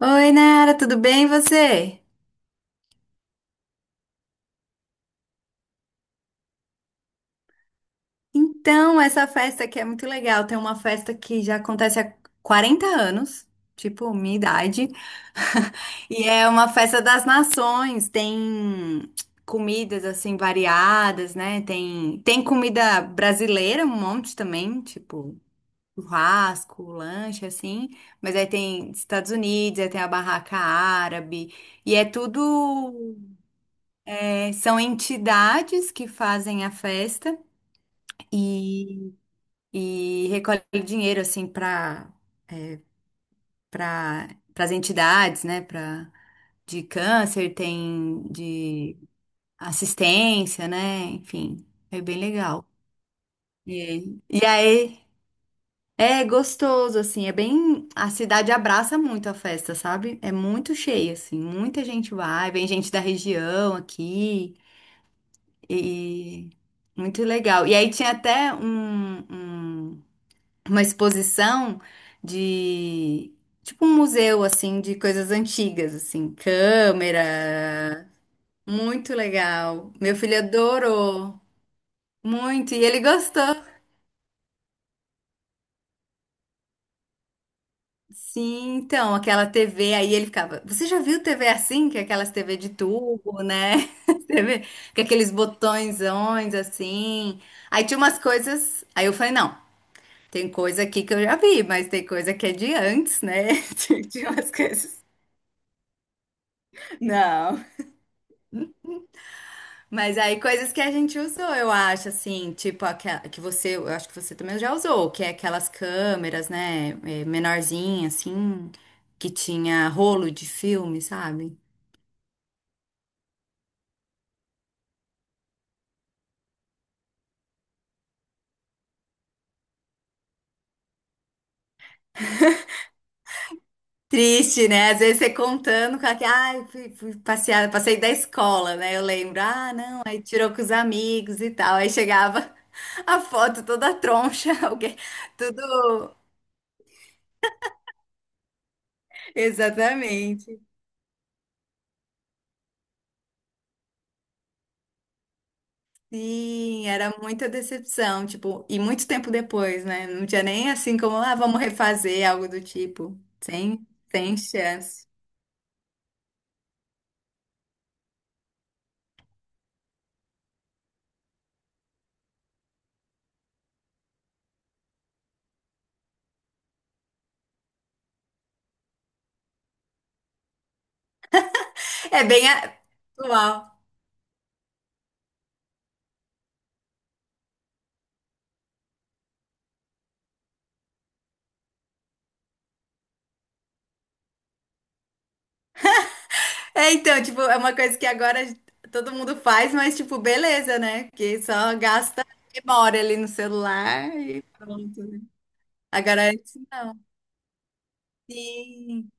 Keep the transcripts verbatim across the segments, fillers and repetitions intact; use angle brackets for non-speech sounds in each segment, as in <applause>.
Oi, Nara, tudo bem e você? Então, essa festa aqui é muito legal. Tem uma festa que já acontece há quarenta anos, tipo minha idade. <laughs> E é uma festa das nações. Tem comidas assim variadas, né? Tem tem comida brasileira, um monte também, tipo churrasco, lanche assim, mas aí tem Estados Unidos, aí tem a barraca árabe, e é tudo. É, são entidades que fazem a festa e, e recolhem dinheiro assim para para as entidades, né? Para de câncer, tem de assistência, né? Enfim, é bem legal. E, e aí é gostoso assim, é bem a cidade abraça muito a festa, sabe? É muito cheia assim, muita gente vai, vem gente da região aqui. E muito legal. E aí tinha até um, um- uma exposição de tipo um museu assim de coisas antigas, assim, câmera. Muito legal. Meu filho adorou muito e ele gostou. Sim, então, aquela T V aí ele ficava, você já viu T V assim, que é aquelas T V de tubo, né? <laughs> T V com aqueles botõezões assim. Aí tinha umas coisas, aí eu falei, não, tem coisa aqui que eu já vi, mas tem coisa que é de antes, né? <laughs> De de umas coisas. Não. Mas aí coisas que a gente usou, eu acho, assim, tipo aquela que você, eu acho que você também já usou, que é aquelas câmeras, né, é, menorzinha, assim, que tinha rolo de filme, sabe? Triste, né? Às vezes você contando com aquela, ai, fui, fui passear, passei da escola, né? Eu lembro, ah, não, aí tirou com os amigos e tal, aí chegava <laughs> a foto toda troncha, <laughs> alguém, tudo. Exatamente. Sim, era muita decepção, tipo, e muito tempo depois, né? Não tinha nem assim como, ah, vamos refazer algo do tipo. Sem, sem chance. É bem a- atual. É, então, tipo, é uma coisa que agora todo mundo faz, mas, tipo, beleza, né? Porque só gasta memória ali no celular e pronto, né? Agora antes não. Sim.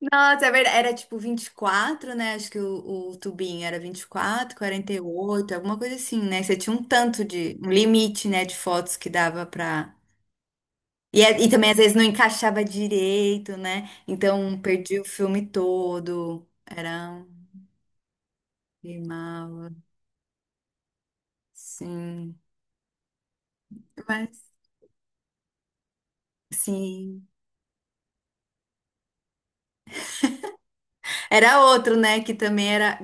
Nossa, é verdade. Era tipo vinte e quatro, né? Acho que o, o tubinho era vinte e quatro, quarenta e oito, alguma coisa assim, né? Você tinha um tanto de, um limite, né, de fotos que dava pra. E, é- e também às vezes não encaixava direito, né? Então perdi o filme todo. Era um queimava, sim. Mas sim. Era outro, né? Que também era,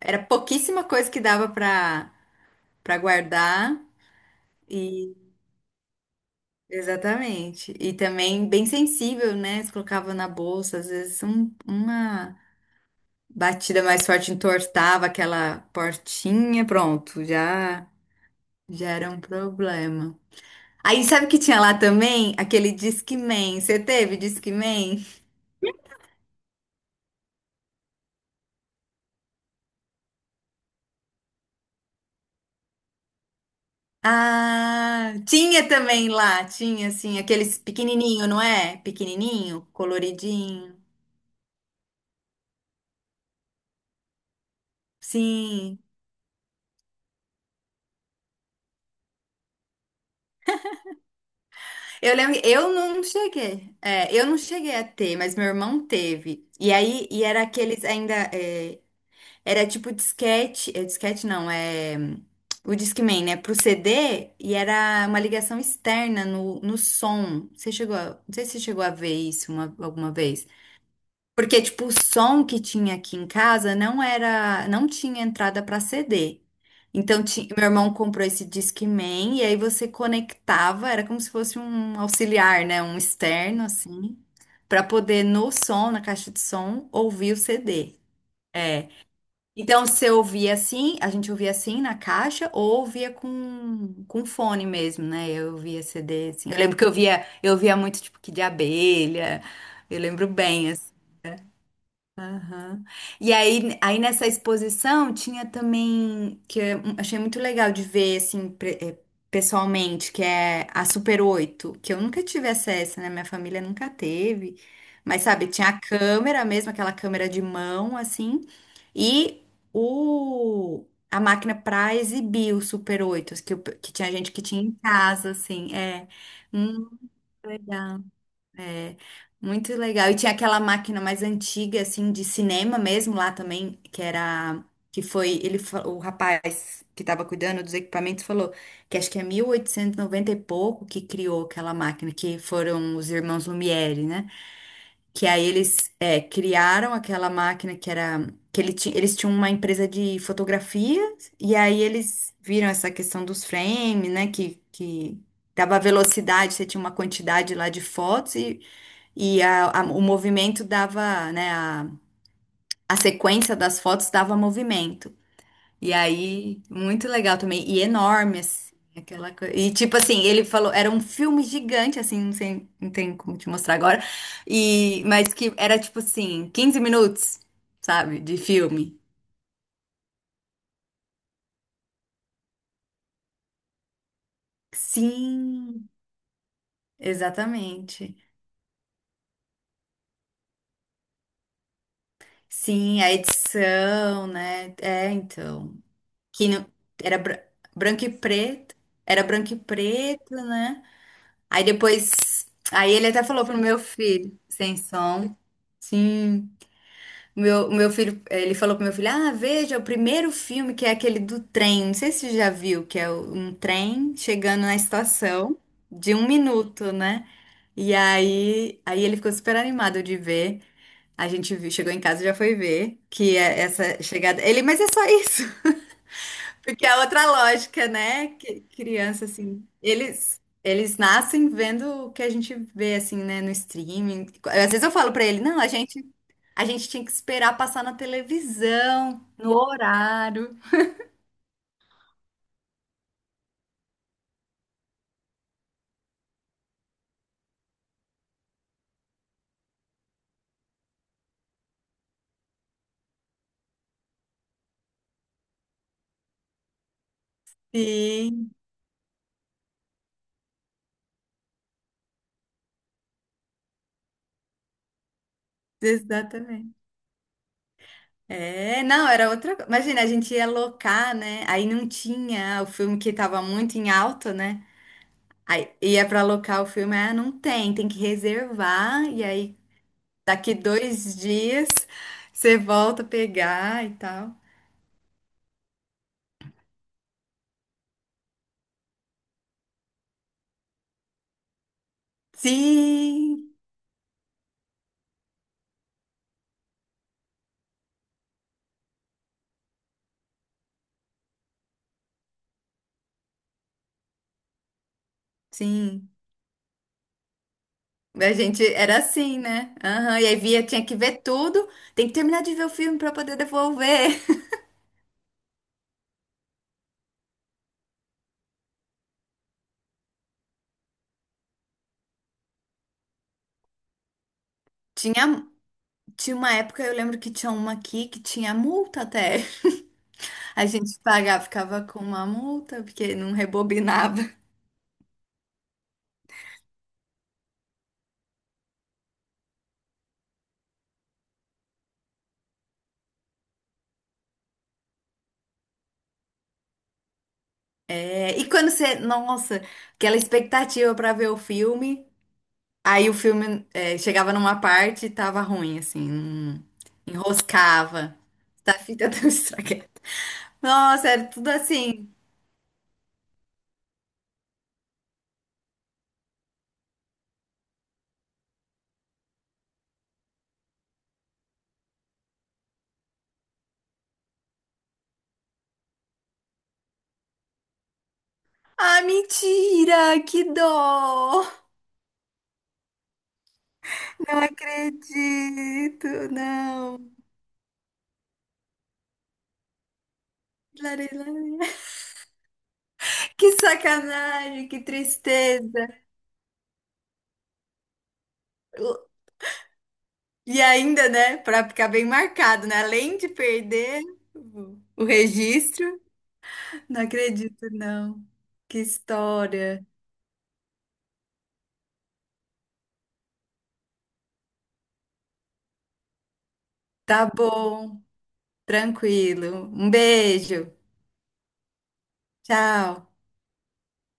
era pouquíssima coisa que dava pra, pra guardar. Exatamente. E também bem sensível, né? Você colocava na bolsa, às vezes um- uma batida mais forte entortava aquela portinha, pronto, já já era um problema. Aí sabe o que tinha lá também? Aquele Discman. Você teve Discman? Ah, tinha também lá, tinha assim, aqueles pequenininho, não é? Pequenininho, coloridinho. Sim. Eu lembro, eu não cheguei, é, eu não cheguei a ter, mas meu irmão teve. E aí, e era aqueles ainda, é, era tipo disquete, é, disquete não, é, hum, o Discman, né, pro C D, e era uma ligação externa no, no som. Você chegou a, não sei se você chegou a ver isso uma- alguma vez. Porque, tipo, o som que tinha aqui em casa não era, não tinha entrada para C D. Então, ti- meu irmão comprou esse Discman e aí você conectava, era como se fosse um auxiliar, né, um externo assim, para poder no som, na caixa de som, ouvir o C D. É. Então, você ouvia assim, a gente ouvia assim na caixa ou ouvia com, com fone mesmo, né? Eu ouvia C D assim. Eu lembro que eu via, eu via muito tipo que de abelha. Eu lembro bem assim. Aham. E aí, aí nessa exposição tinha também, que eu achei muito legal de ver, assim, pre- eh, pessoalmente, que é a Super oito que eu nunca tive acesso, né? Minha família nunca teve. Mas, sabe, tinha a câmera mesmo, aquela câmera de mão, assim, e o, a máquina pra exibir o Super oito, que, eu- que tinha gente que tinha em casa, assim, é. Hum, legal. É, muito legal. E tinha aquela máquina mais antiga, assim, de cinema mesmo lá também, que era, que foi, ele, fa- o rapaz que estava cuidando dos equipamentos falou que acho que é mil oitocentos e noventa e noventa e pouco que criou aquela máquina, que foram os irmãos Lumière, né? Que aí eles, é, criaram aquela máquina que era, que ele ti- eles tinham uma empresa de fotografia, e aí eles viram essa questão dos frames, né? Que, que dava velocidade, você tinha uma quantidade lá de fotos e a- a- o movimento dava, né? A, a sequência das fotos dava movimento. E aí, muito legal também. E enorme, assim, aquela coisa. E tipo assim, ele falou, era um filme gigante, assim, não sei, não tem como te mostrar agora. E, mas que era tipo assim, quinze minutos, sabe, de filme. Sim, exatamente. Sim, a edição, né? É, então. Que não, era bra- branco e preto. Era branco e preto, né? Aí depois, aí ele até falou pro meu filho, sem som. Sim, o meu, o meu filho, ele falou pro meu filho, ah, veja, o primeiro filme que é aquele do trem, não sei se você já viu, que é o- um trem chegando na estação de um minuto, né? E aí, aí ele ficou super animado de ver, a gente viu- chegou em casa e já foi ver, que é essa chegada, ele, mas é só isso, porque é outra lógica, né? Que criança, assim, eles eles nascem vendo o que a gente vê, assim, né, no streaming. Às vezes eu falo pra ele, não, a gente a gente tinha que esperar passar na televisão, no horário. Sim, exatamente. É, não, era outra coisa. Imagina, a gente ia locar, né? Aí não tinha o filme que tava muito em alta, né? Aí ia pra locar o filme, ah, não tem, tem que reservar. E aí daqui dois dias você volta a pegar e tal. Sim, sim. A gente era assim, né? Aham. E aí via, tinha que ver tudo. Tem que terminar de ver o filme para poder devolver. <laughs> Tinha, tinha uma época, eu lembro que tinha uma aqui que tinha multa até. <laughs> A gente pagava, ficava com uma multa, porque não rebobinava. É, e quando você, nossa, aquela expectativa para ver o filme. Aí o filme é, chegava numa parte e tava ruim, assim, hum, enroscava. Tá, a fita tão <laughs> estragada. Nossa, era tudo assim. Ah, mentira! Que dó! Não acredito, não. Larê, larê. <laughs> Que sacanagem, que tristeza. E ainda, né, pra ficar bem marcado, né? Além de perder o o registro, não acredito, não. Que história. Tá bom. Tranquilo. Um beijo. Tchau.